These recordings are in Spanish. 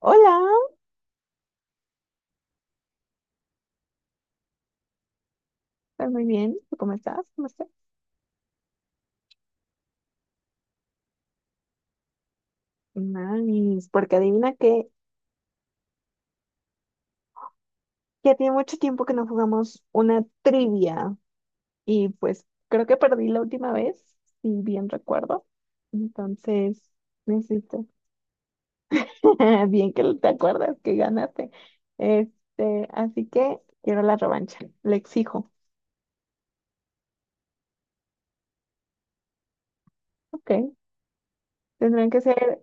Hola, estoy muy bien. ¿Tú cómo estás? ¿Cómo estás? Nice, porque adivina que ya tiene mucho tiempo que no jugamos una trivia y pues creo que perdí la última vez, si bien recuerdo. Entonces, necesito. Bien que te acuerdas que ganaste. Este, así que quiero la revancha, le exijo. Ok, tendrán que ser,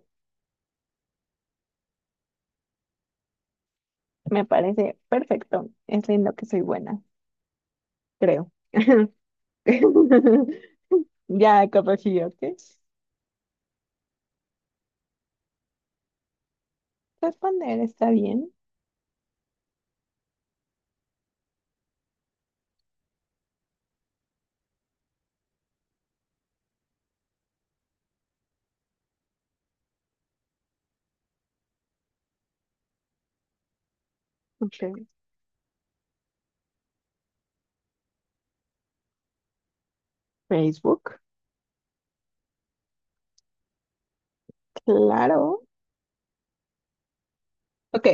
me parece perfecto. Es en lo que soy buena, creo. Ya corregí, ¿ok? Responder está bien. Ok. Facebook, claro. Ok.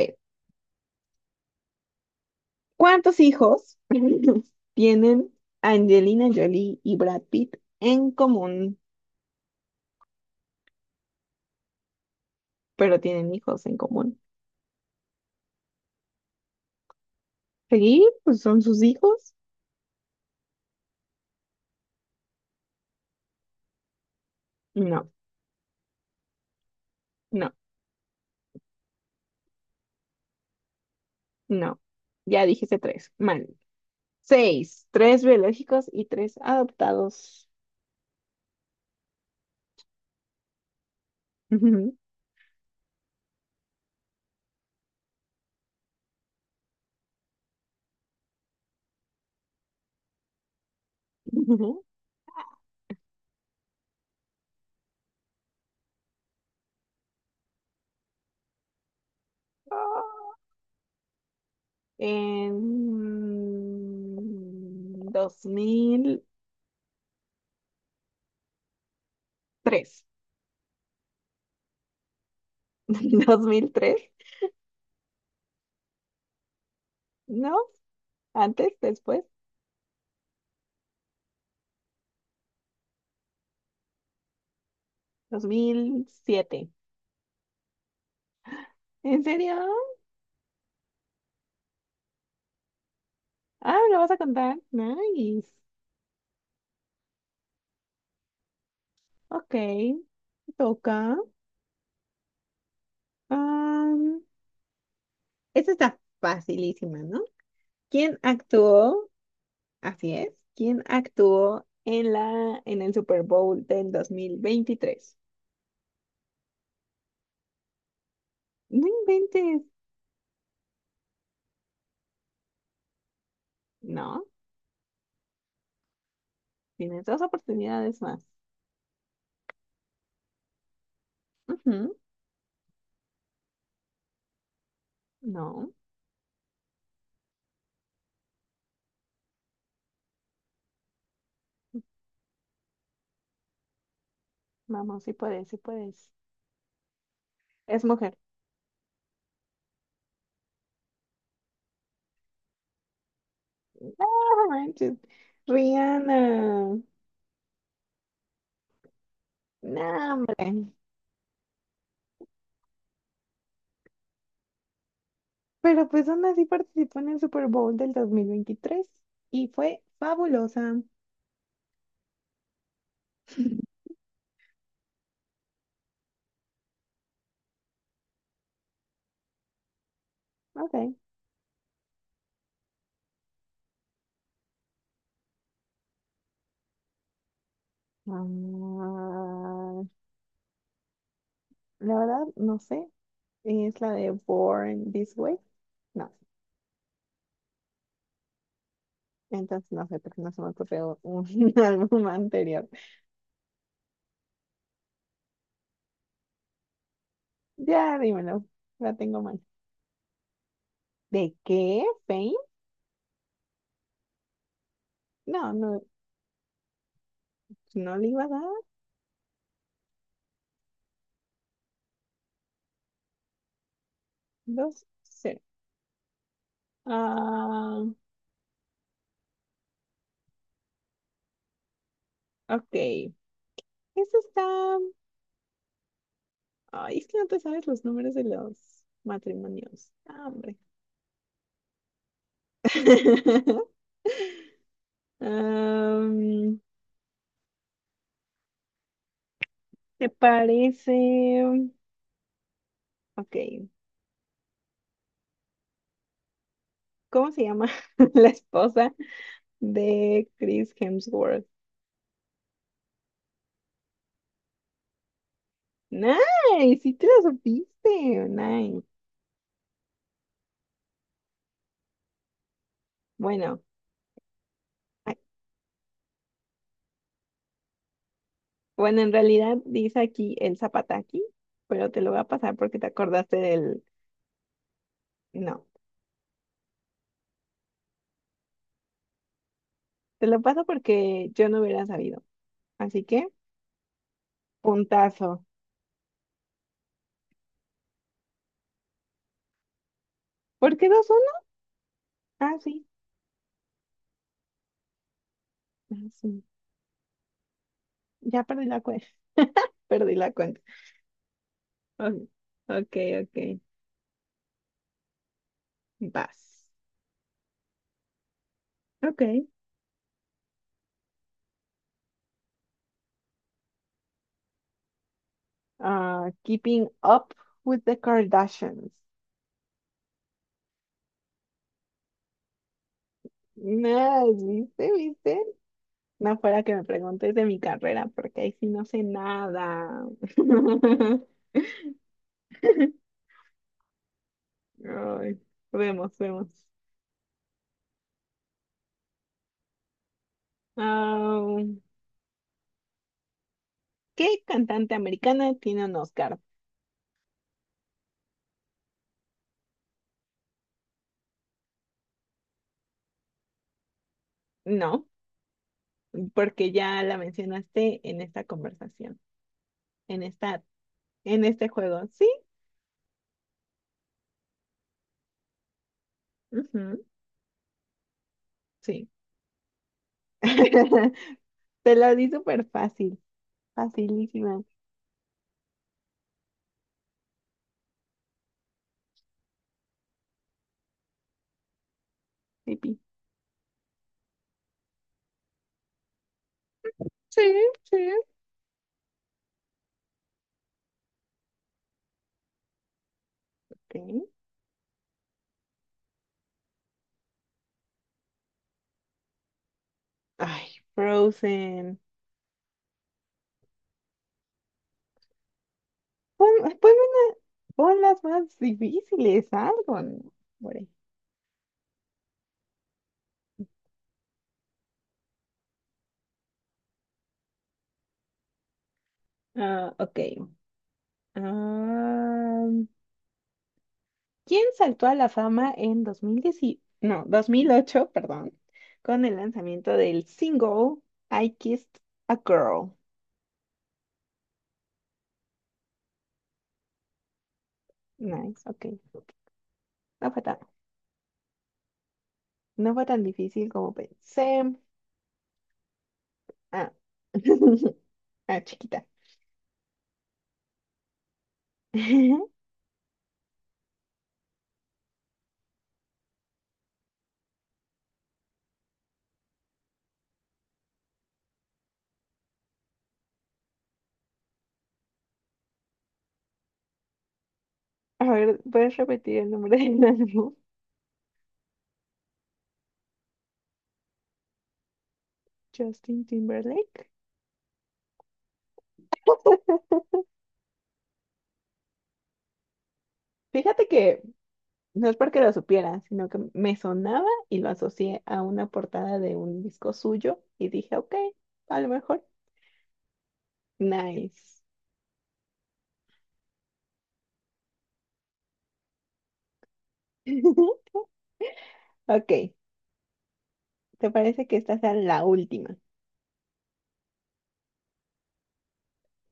¿Cuántos hijos tienen Angelina Jolie y Brad Pitt en común? Pero tienen hijos en común. ¿Seguí? Pues son sus hijos. No, no, no. Ya dijiste tres. Mal. Seis. Tres biológicos y tres adoptados. Ujú, ujú. En 2003. ¿2003? ¿No? ¿Antes? ¿Después? ¿2007? ¿En serio? Ah, ¿me lo vas a contar? Nice. Ok, toca. Am, Esta está facilísima, ¿no? ¿Quién actuó? Así es. ¿Quién actuó en el Super Bowl del 2023? No inventes. No, tienes dos oportunidades más. Ujú. No, vamos, sí puedes, sí puedes. Es mujer. No manches, Rihanna. No, hombre. Pero pues aún así participó en el Super Bowl del 2023 y fue fabulosa. Ok. Ah, la verdad, no sé. ¿Es la de Born This Way? No. Entonces no sé, porque no se me ocurrió un álbum anterior. Ya, dímelo. La tengo mal. ¿De qué? ¿Fame? No, no, no le iba a dar. 2-0. Ah, ok. Eso está. Ay, es que no te sabes los números de los matrimonios. Ah, hombre. Am, ¿Te parece? Ok. ¿Cómo se llama la esposa de Chris Hemsworth? Nice, sí te la supiste. Nice. Bueno, ay, bueno, en realidad dice aquí el zapataki, pero te lo voy a pasar porque te acordaste del. No, te lo paso porque yo no hubiera sabido. Así que. Puntazo. ¿Por qué 2-1? Ah, sí. Ah, sí. Ya perdí la cuenta. Perdí la cuenta. Oh, ok, ok. Vas. Ok. Ah, Keeping Up with the Kardashians. No, ¿viste? ¿Viste? No fuera que me preguntes de mi carrera, porque ahí sí no sé nada. Ay, vemos, vemos. Ah, ¿qué cantante americana tiene un Oscar? No, porque ya la mencionaste en esta conversación, en esta, en este juego. Sí, ujú, sí. Te la di súper fácil, facilísima, pipi. Sí, sí. Ok. Ay, Frozen. Pon, ponme una- pon las más difíciles, algo, ¿no? Hombre. Ah, ok. Ah, quien saltó a la fama en 2010 no, 2008, perdón, con el lanzamiento del single I Kissed a Girl. Nice, ok. No fue tan, no fue tan difícil como pensé. Ah, ah, chiquita. A ver, ¿puedes repetir el nombre del álbum? Justin Timberlake. Fíjate que no es porque lo supiera, sino que me sonaba y lo asocié a una portada de un disco suyo y dije, ok, a lo mejor. Nice. Ok, ¿te parece que esta sea la última?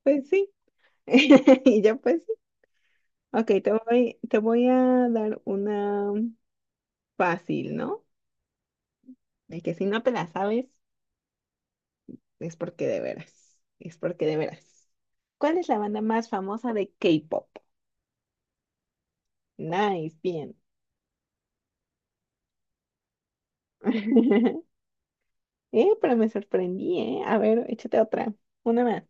Pues sí. Y yo pues sí. Ok, te voy a dar una fácil, ¿no? De que si no te la sabes, es porque de veras. Es porque de veras. ¿Cuál es la banda más famosa de K-pop? Nice, bien. Pero me sorprendí, ¿eh? A ver, échate otra. Una más.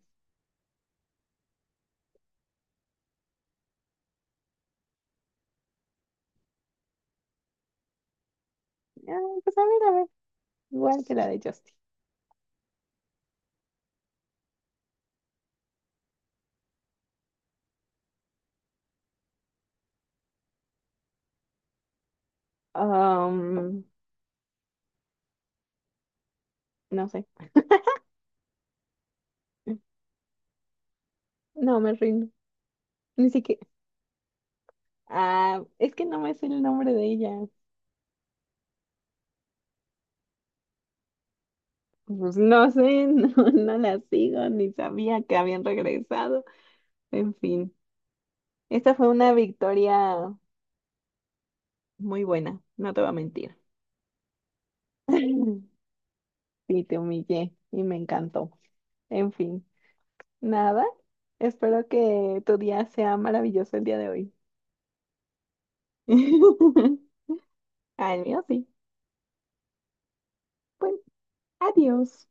Ah, pues a ver, a ver. Igual que la de Justin. Um, no sé. No, me rindo. Ni siquiera. Ah, es que no me sé el nombre de ella. Pues no sé, no, no la sigo, ni sabía que habían regresado. En fin, esta fue una victoria muy buena, no te voy a mentir. Sí, te humillé y me encantó. En fin, nada, espero que tu día sea maravilloso el día de hoy. Ah, el mío sí. Pues adiós.